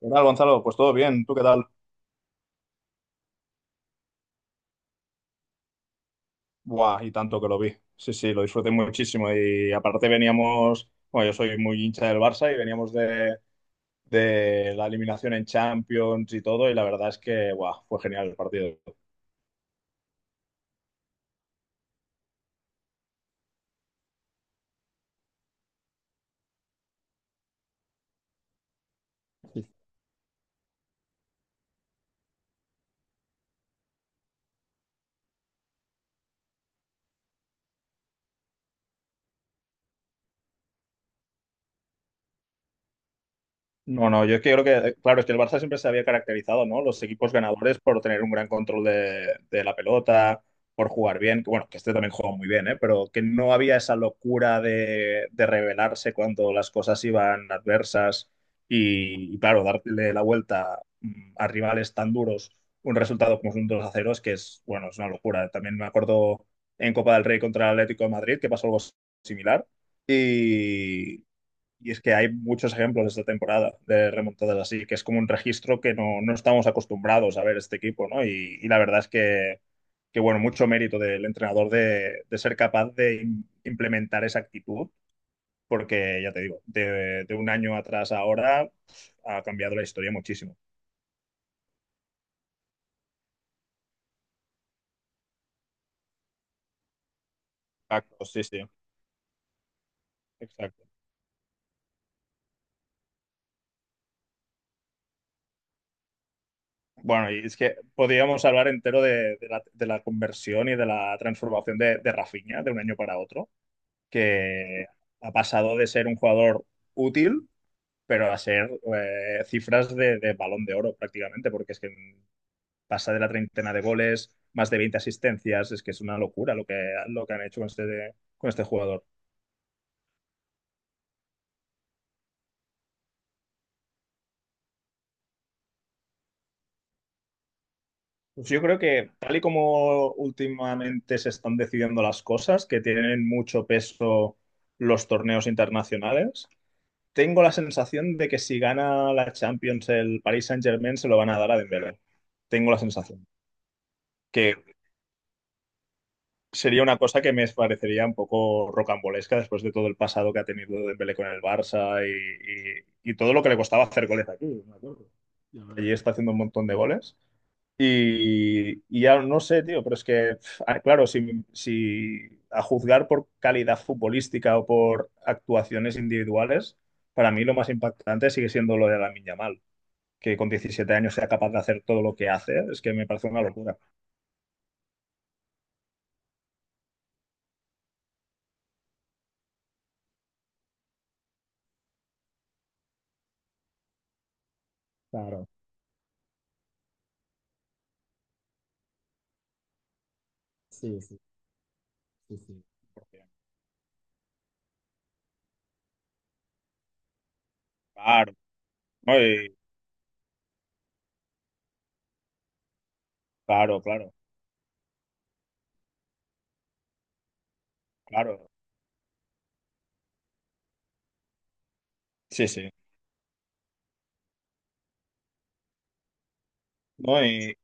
¿Qué tal, Gonzalo? Pues todo bien, ¿tú qué tal? Buah, y tanto que lo vi. Sí, sí, lo disfruté muchísimo. Y aparte veníamos, bueno, yo soy muy hincha del Barça y veníamos de la eliminación en Champions y todo, y la verdad es que, buah, fue genial el partido. No, no, yo es que creo que, claro, es que el Barça siempre se había caracterizado, ¿no? Los equipos ganadores por tener un gran control de la pelota, por jugar bien, que bueno, que este también jugó muy bien, ¿eh? Pero que no había esa locura de rebelarse cuando las cosas iban adversas y, claro, darle la vuelta a rivales tan duros, un resultado como un 2-0, es que es, bueno, es una locura. También me acuerdo en Copa del Rey contra el Atlético de Madrid, que pasó algo similar. Y, y es que hay muchos ejemplos esta temporada de remontadas así, que es como un registro que no, no estamos acostumbrados a ver este equipo, ¿no? Y la verdad es que, bueno, mucho mérito del entrenador de ser capaz de implementar esa actitud, porque ya te digo, de un año atrás a ahora ha cambiado la historia muchísimo. Exacto, sí, sí, exacto. Bueno, y es que podríamos hablar entero de la conversión y de la transformación de Rafinha de un año para otro que ha pasado de ser un jugador útil, pero a ser cifras de balón de oro prácticamente, porque es que pasa de la treintena de goles, más de 20 asistencias, es que es una locura lo que han hecho con este jugador. Pues yo creo que tal y como últimamente se están decidiendo las cosas, que tienen mucho peso los torneos internacionales, tengo la sensación de que si gana la Champions el Paris Saint-Germain se lo van a dar a Dembélé. Tengo la sensación que sería una cosa que me parecería un poco rocambolesca después de todo el pasado que ha tenido Dembélé con el Barça y todo lo que le costaba hacer goles aquí, me acuerdo. Ya ves. Allí está haciendo un montón de goles. Y ya no sé, tío, pero es que, claro, si a juzgar por calidad futbolística o por actuaciones individuales, para mí lo más impactante sigue siendo lo de Lamine Yamal, que con 17 años sea capaz de hacer todo lo que hace, es que me parece una locura. Claro, sí, sí, sí, sí. Claro. No, claro, claro, claro. Sí, sí. No,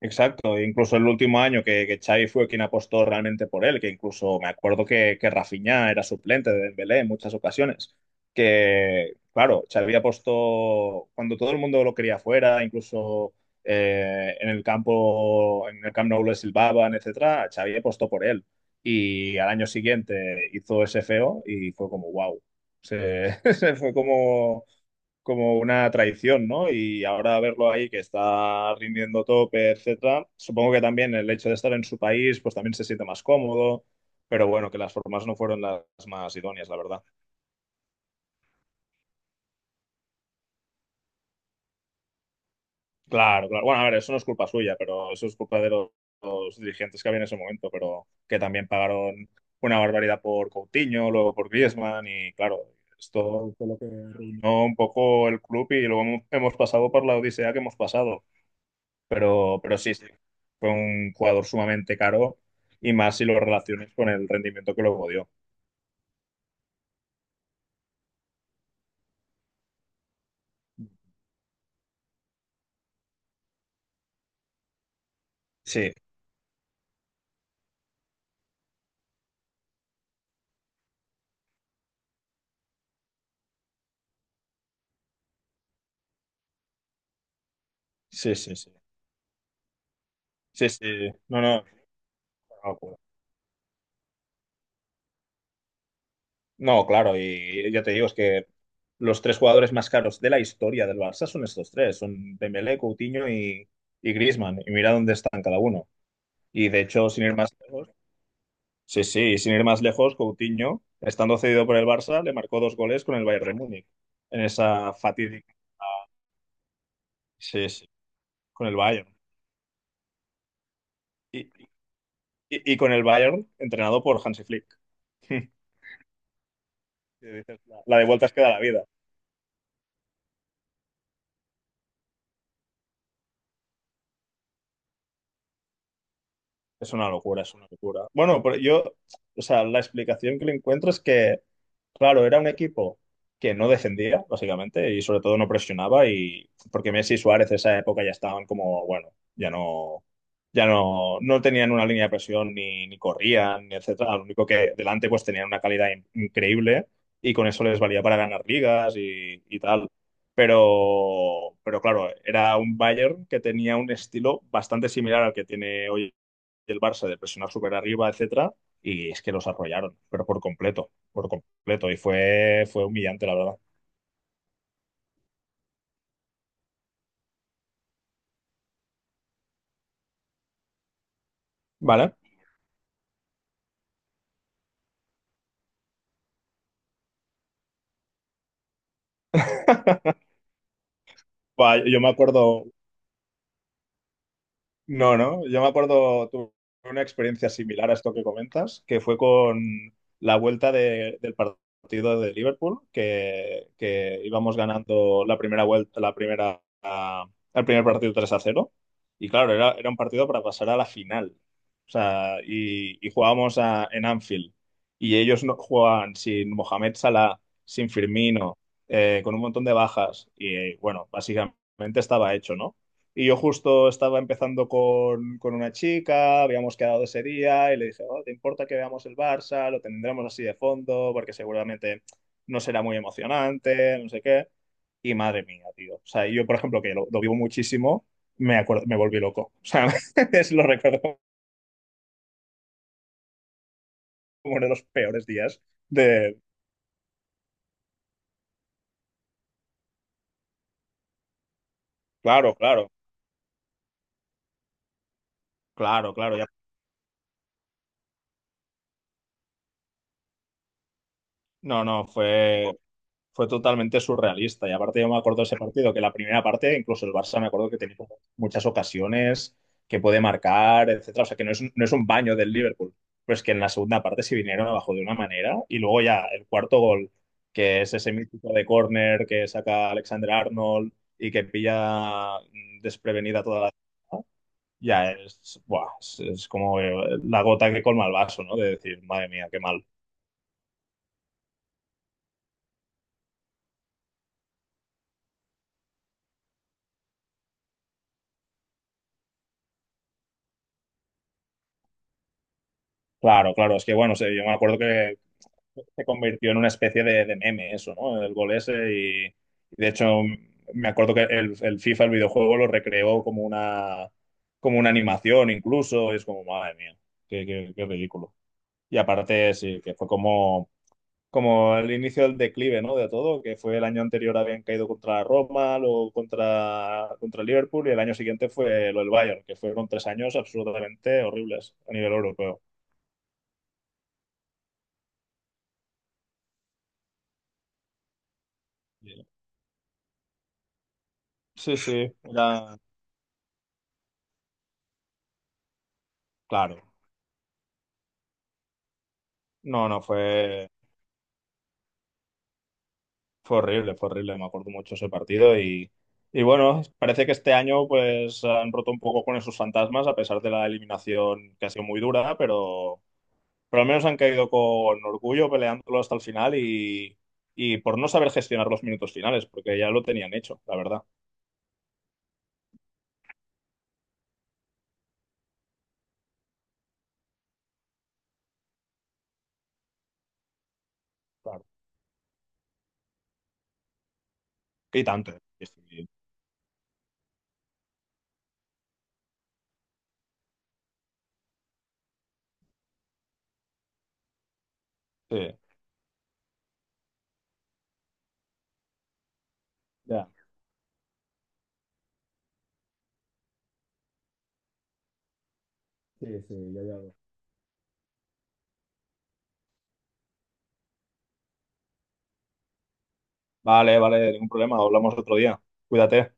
exacto. Incluso el último año que Xavi fue quien apostó realmente por él, que incluso me acuerdo que Rafinha era suplente de Dembélé en muchas ocasiones. Que, claro, Xavi apostó cuando todo el mundo lo quería fuera, incluso en el campo, en el Camp Nou le silbaban, etcétera, Xavi apostó por él. Y al año siguiente hizo ese feo y fue como, wow. Se se fue como una traición, ¿no? Y ahora verlo ahí que está rindiendo tope, etcétera, supongo que también el hecho de estar en su país, pues también se siente más cómodo, pero bueno, que las formas no fueron las más idóneas, la verdad. Claro, claro. Bueno, a ver, eso no es culpa suya, pero eso es culpa de los dirigentes que había en ese momento, pero que también pagaron una barbaridad por Coutinho, luego por Griezmann y claro, esto fue lo que arruinó un poco el club y luego hemos pasado por la odisea que hemos pasado. Pero sí, sí, fue un jugador sumamente caro y más si lo relaciones con el rendimiento que luego dio. Sí, sí, sí, sí. Sí, sí. No, no, es una locura. No, claro, y ya te digo, es que los tres jugadores más caros de la historia del Barça son estos tres, son Dembélé, Coutinho y Griezmann, y mira dónde están cada uno. Y de hecho, sin ir más lejos, sí, sí, y sin ir más lejos, Coutinho, estando cedido por el Barça, le marcó dos goles con el Bayern de Múnich en esa fatídica, sí, sí, con el Bayern. Y, y con el Bayern entrenado por Hansi Flick. Que dices, La de vueltas queda la vida. Es una locura, es una locura. Bueno, pero yo, o sea, la explicación que le encuentro es que, claro, era un equipo que no defendía, básicamente, y sobre todo no presionaba, y porque Messi y Suárez en esa época ya estaban como, bueno, ya no, ya no, no tenían una línea de presión, ni corrían, ni etcétera. Lo único que delante pues tenían una calidad increíble y con eso les valía para ganar ligas y tal. Pero claro, era un Bayern que tenía un estilo bastante similar al que tiene hoy del Barça de presionar súper arriba, etcétera, y es que los arrollaron, pero por completo, y fue humillante, la verdad. ¿Vale? Va, yo me acuerdo. No, no, yo me acuerdo, tuve una experiencia similar a esto que comentas, que fue con la vuelta del partido de Liverpool, que íbamos ganando la primera vuelta, la primera, el primer partido 3-0. Y claro, era un partido para pasar a la final. O sea, y jugábamos en Anfield. Y ellos no, jugaban sin Mohamed Salah, sin Firmino, con un montón de bajas. Y bueno, básicamente estaba hecho, ¿no? Y yo justo estaba empezando con una chica, habíamos quedado ese día y le dije: "Oh, ¿te importa que veamos el Barça? Lo tendremos así de fondo porque seguramente no será muy emocionante, no sé qué." Y madre mía, tío. O sea, yo, por ejemplo, que lo vivo muchísimo, me acuerdo, me volví loco. O sea, es, lo recuerdo como uno de los peores días de... Claro, claro, claro, claro. No, no, fue totalmente surrealista. Y aparte yo me acuerdo de ese partido, que la primera parte, incluso el Barça me acuerdo que tenía como muchas ocasiones que puede marcar, etcétera. O sea que no es un baño del Liverpool. Pero es que en la segunda parte se vinieron abajo de una manera. Y luego ya el cuarto gol, que es ese mítico de córner que saca Alexander Arnold y que pilla desprevenida toda la. Ya es, buah, es como la gota que colma el vaso, ¿no? De decir, madre mía, qué mal. Claro, claro, es que bueno, o sea, yo me acuerdo que se convirtió en una especie de meme eso, ¿no? El gol ese y de hecho me acuerdo que el FIFA, el videojuego, lo recreó como una animación incluso, y es como, madre mía, qué ridículo. Y aparte sí, que fue como el inicio del declive, ¿no? De todo, que fue el año anterior habían caído contra la Roma, luego contra el Liverpool y el año siguiente fue lo del Bayern, que fueron 3 años absolutamente horribles a nivel europeo. Sí, sí, era claro. No, no, fue horrible, fue horrible. Me acuerdo mucho ese partido y bueno, parece que este año pues han roto un poco con esos fantasmas a pesar de la eliminación que ha sido muy dura, pero al menos han caído con orgullo peleándolo hasta el final y por no saber gestionar los minutos finales, porque ya lo tenían hecho, la verdad. Claro. Y tanto. Sí, sí, ya. Sí, sí, ya, ya. Vale, vale, ningún problema. Hablamos otro día. Cuídate.